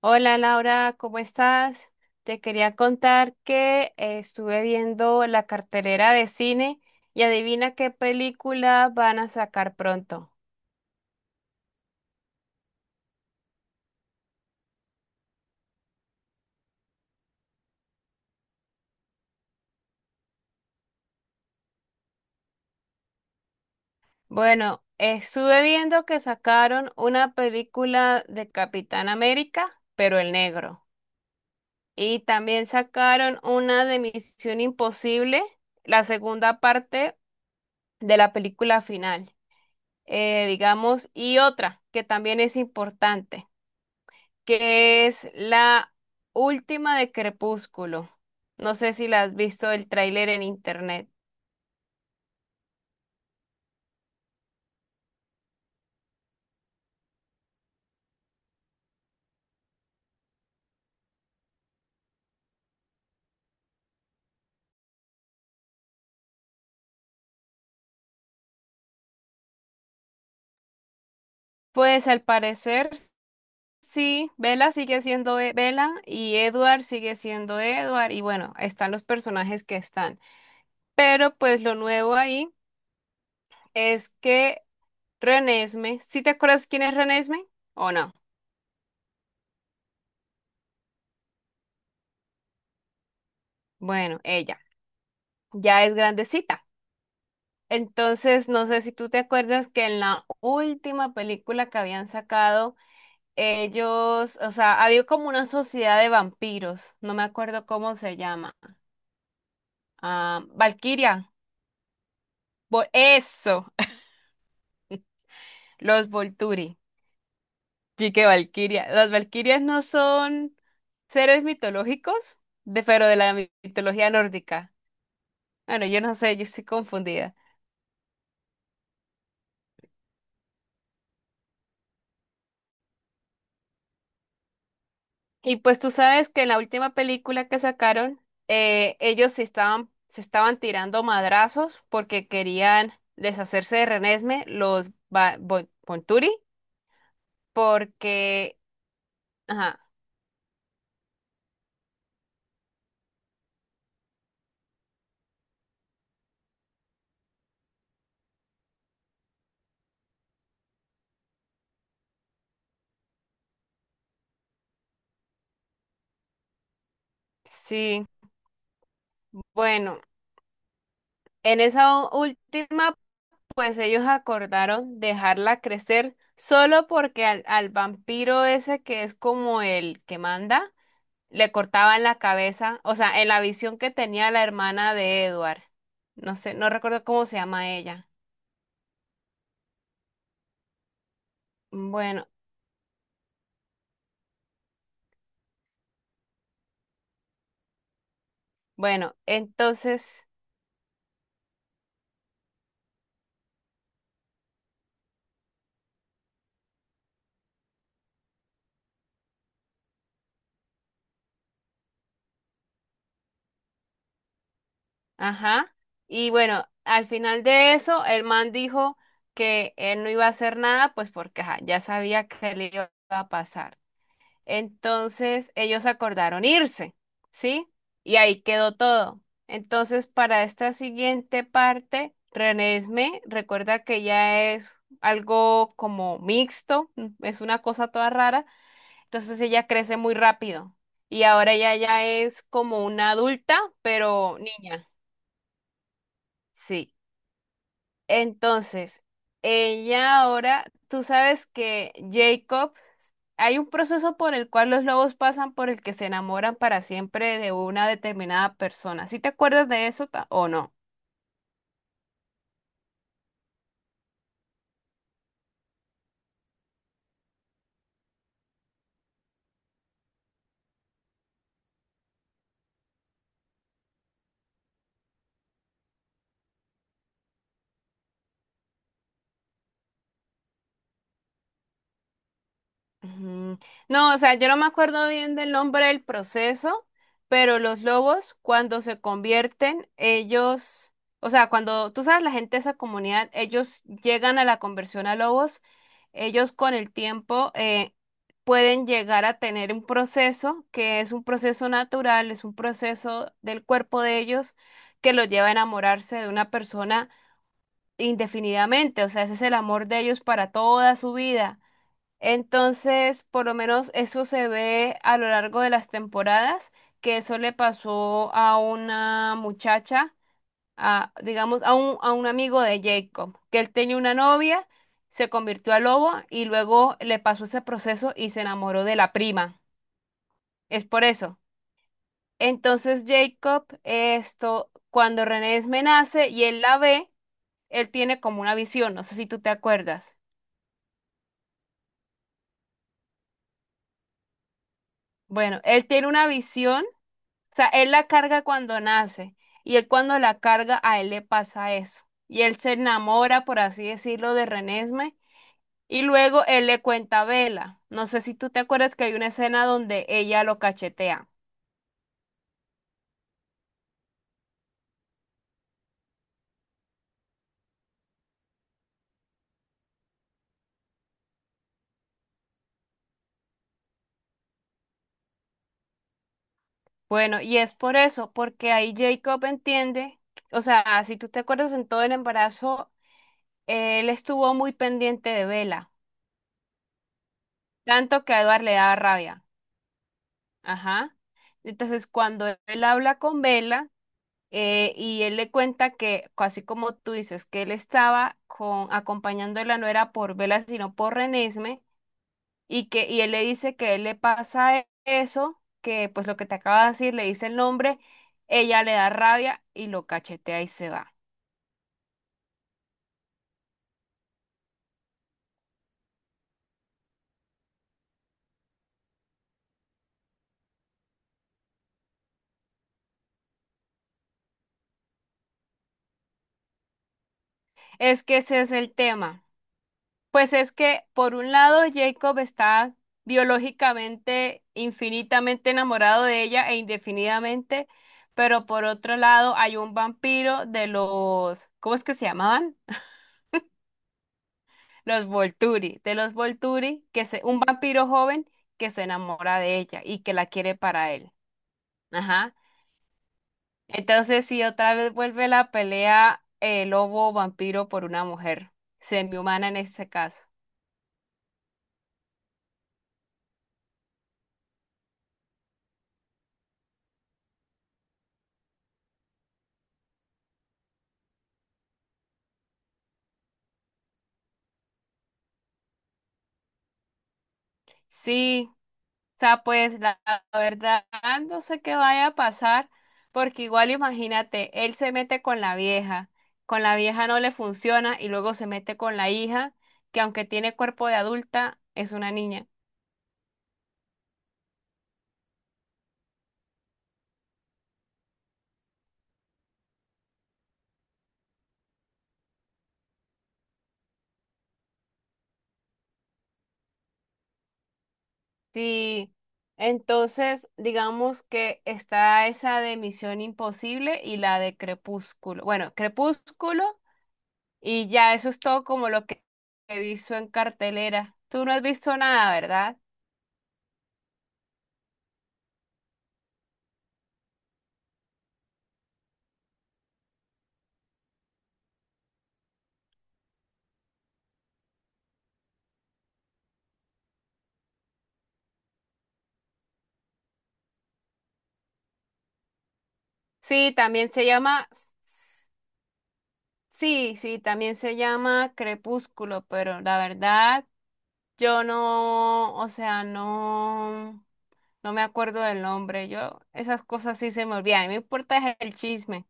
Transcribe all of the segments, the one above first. Hola Laura, ¿cómo estás? Te quería contar que estuve viendo la cartelera de cine y adivina qué película van a sacar pronto. Bueno, estuve viendo que sacaron una película de Capitán América, pero el negro. Y también sacaron una de Misión Imposible, la segunda parte de la película final, digamos, y otra que también es importante. Que es la última de Crepúsculo. No sé si la has visto el tráiler en internet. Pues al parecer sí, Bella y Edward sigue siendo Edward y bueno, están los personajes que están. Pero pues lo nuevo ahí es que Renesme, ¿sí te acuerdas quién es Renesme o no? Bueno, ella ya es grandecita. Entonces, no sé si tú te acuerdas que en la última película que habían sacado ellos, o sea, había como una sociedad de vampiros, no me acuerdo cómo se llama. Ah, Valquiria, eso, los Volturi. Sí que Valkyria, las Valkyrias no son seres mitológicos, de, pero de la mitología nórdica. Bueno, yo no sé, yo estoy confundida. Y pues tú sabes que en la última película que sacaron, ellos se estaban tirando madrazos porque querían deshacerse de Renesme, los Volturi. Porque, ajá, sí, bueno, en esa última, pues ellos acordaron dejarla crecer solo porque al vampiro ese que es como el que manda, le cortaban la cabeza, o sea, en la visión que tenía la hermana de Edward. No sé, no recuerdo cómo se llama ella. Bueno, bueno, entonces... Ajá. Y bueno, al final de eso, el man dijo que él no iba a hacer nada, pues porque ajá, ya sabía que le iba a pasar. Entonces, ellos acordaron irse, ¿sí? Y ahí quedó todo. Entonces, para esta siguiente parte, Renesme recuerda que ya es algo como mixto, mm, es una cosa toda rara. Entonces, ella crece muy rápido. Y ahora ella ya es como una adulta, pero niña. Sí. Entonces, ella ahora, tú sabes que Jacob, hay un proceso por el cual los lobos pasan por el que se enamoran para siempre de una determinada persona. ¿Sí te acuerdas de eso o no? Ujú. No, o sea, yo no me acuerdo bien del nombre del proceso, pero los lobos cuando se convierten, ellos, o sea, cuando tú sabes, la gente de esa comunidad, ellos llegan a la conversión a lobos, ellos con el tiempo pueden llegar a tener un proceso que es un proceso natural, es un proceso del cuerpo de ellos que los lleva a enamorarse de una persona indefinidamente, o sea, ese es el amor de ellos para toda su vida. Entonces, por lo menos eso se ve a lo largo de las temporadas, que eso le pasó a una muchacha, a, digamos, a un amigo de Jacob, que él tenía una novia, se convirtió a lobo y luego le pasó ese proceso y se enamoró de la prima. Es por eso. Entonces, Jacob, esto, cuando Renesmee nace y él la ve, él tiene como una visión, no sé si tú te acuerdas. Bueno, él tiene una visión. O sea, él la carga cuando nace y él cuando la carga a él le pasa eso. Y él se enamora, por así decirlo, de Renesme y luego él le cuenta a Vela. No sé si tú te acuerdas que hay una escena donde ella lo cachetea. Bueno, y es por eso, porque ahí Jacob entiende, o sea, si tú te acuerdas en todo el embarazo, él estuvo muy pendiente de Vela, tanto que a Edward le daba rabia. Ajá. Entonces, cuando él habla con Vela, y él le cuenta que, así como tú dices, que él estaba con, acompañándola no era por Vela, sino por Renesme, y que, y él le dice que él le pasa eso, que pues lo que te acaba de decir, le dice el nombre, ella le da rabia y lo cachetea y se va. Es que ese es el tema. Pues es que, por un lado, Jacob está biológicamente, infinitamente enamorado de ella e indefinidamente, pero por otro lado hay un vampiro de los, ¿cómo es que se llamaban? Los Volturi, de los Volturi, que se, un vampiro joven que se enamora de ella y que la quiere para él. Ajá. Entonces, si otra vez vuelve la pelea, lobo-vampiro por una mujer, semi-humana en este caso. Sí. O sea, pues la verdad no sé qué vaya a pasar, porque igual imagínate, él se mete con la vieja no le funciona y luego se mete con la hija, que aunque tiene cuerpo de adulta, es una niña. Sí, entonces digamos que está esa de Misión Imposible y la de Crepúsculo. Bueno, Crepúsculo y ya eso es todo como lo que he visto en cartelera. Tú no has visto nada, ¿verdad? Sí, también se llama. Sí, sí, también se llama Crepúsculo, pero la verdad yo no, o sea, no, no me acuerdo del nombre. Yo esas cosas sí se me olvidan. A mí me importa es el chisme.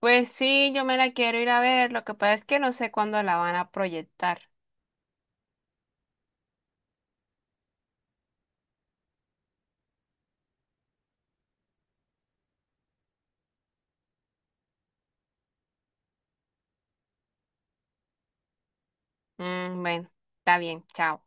Pues sí, yo me la quiero ir a ver. Lo que pasa es que no sé cuándo la van a proyectar. Mm, bueno, está bien, chao.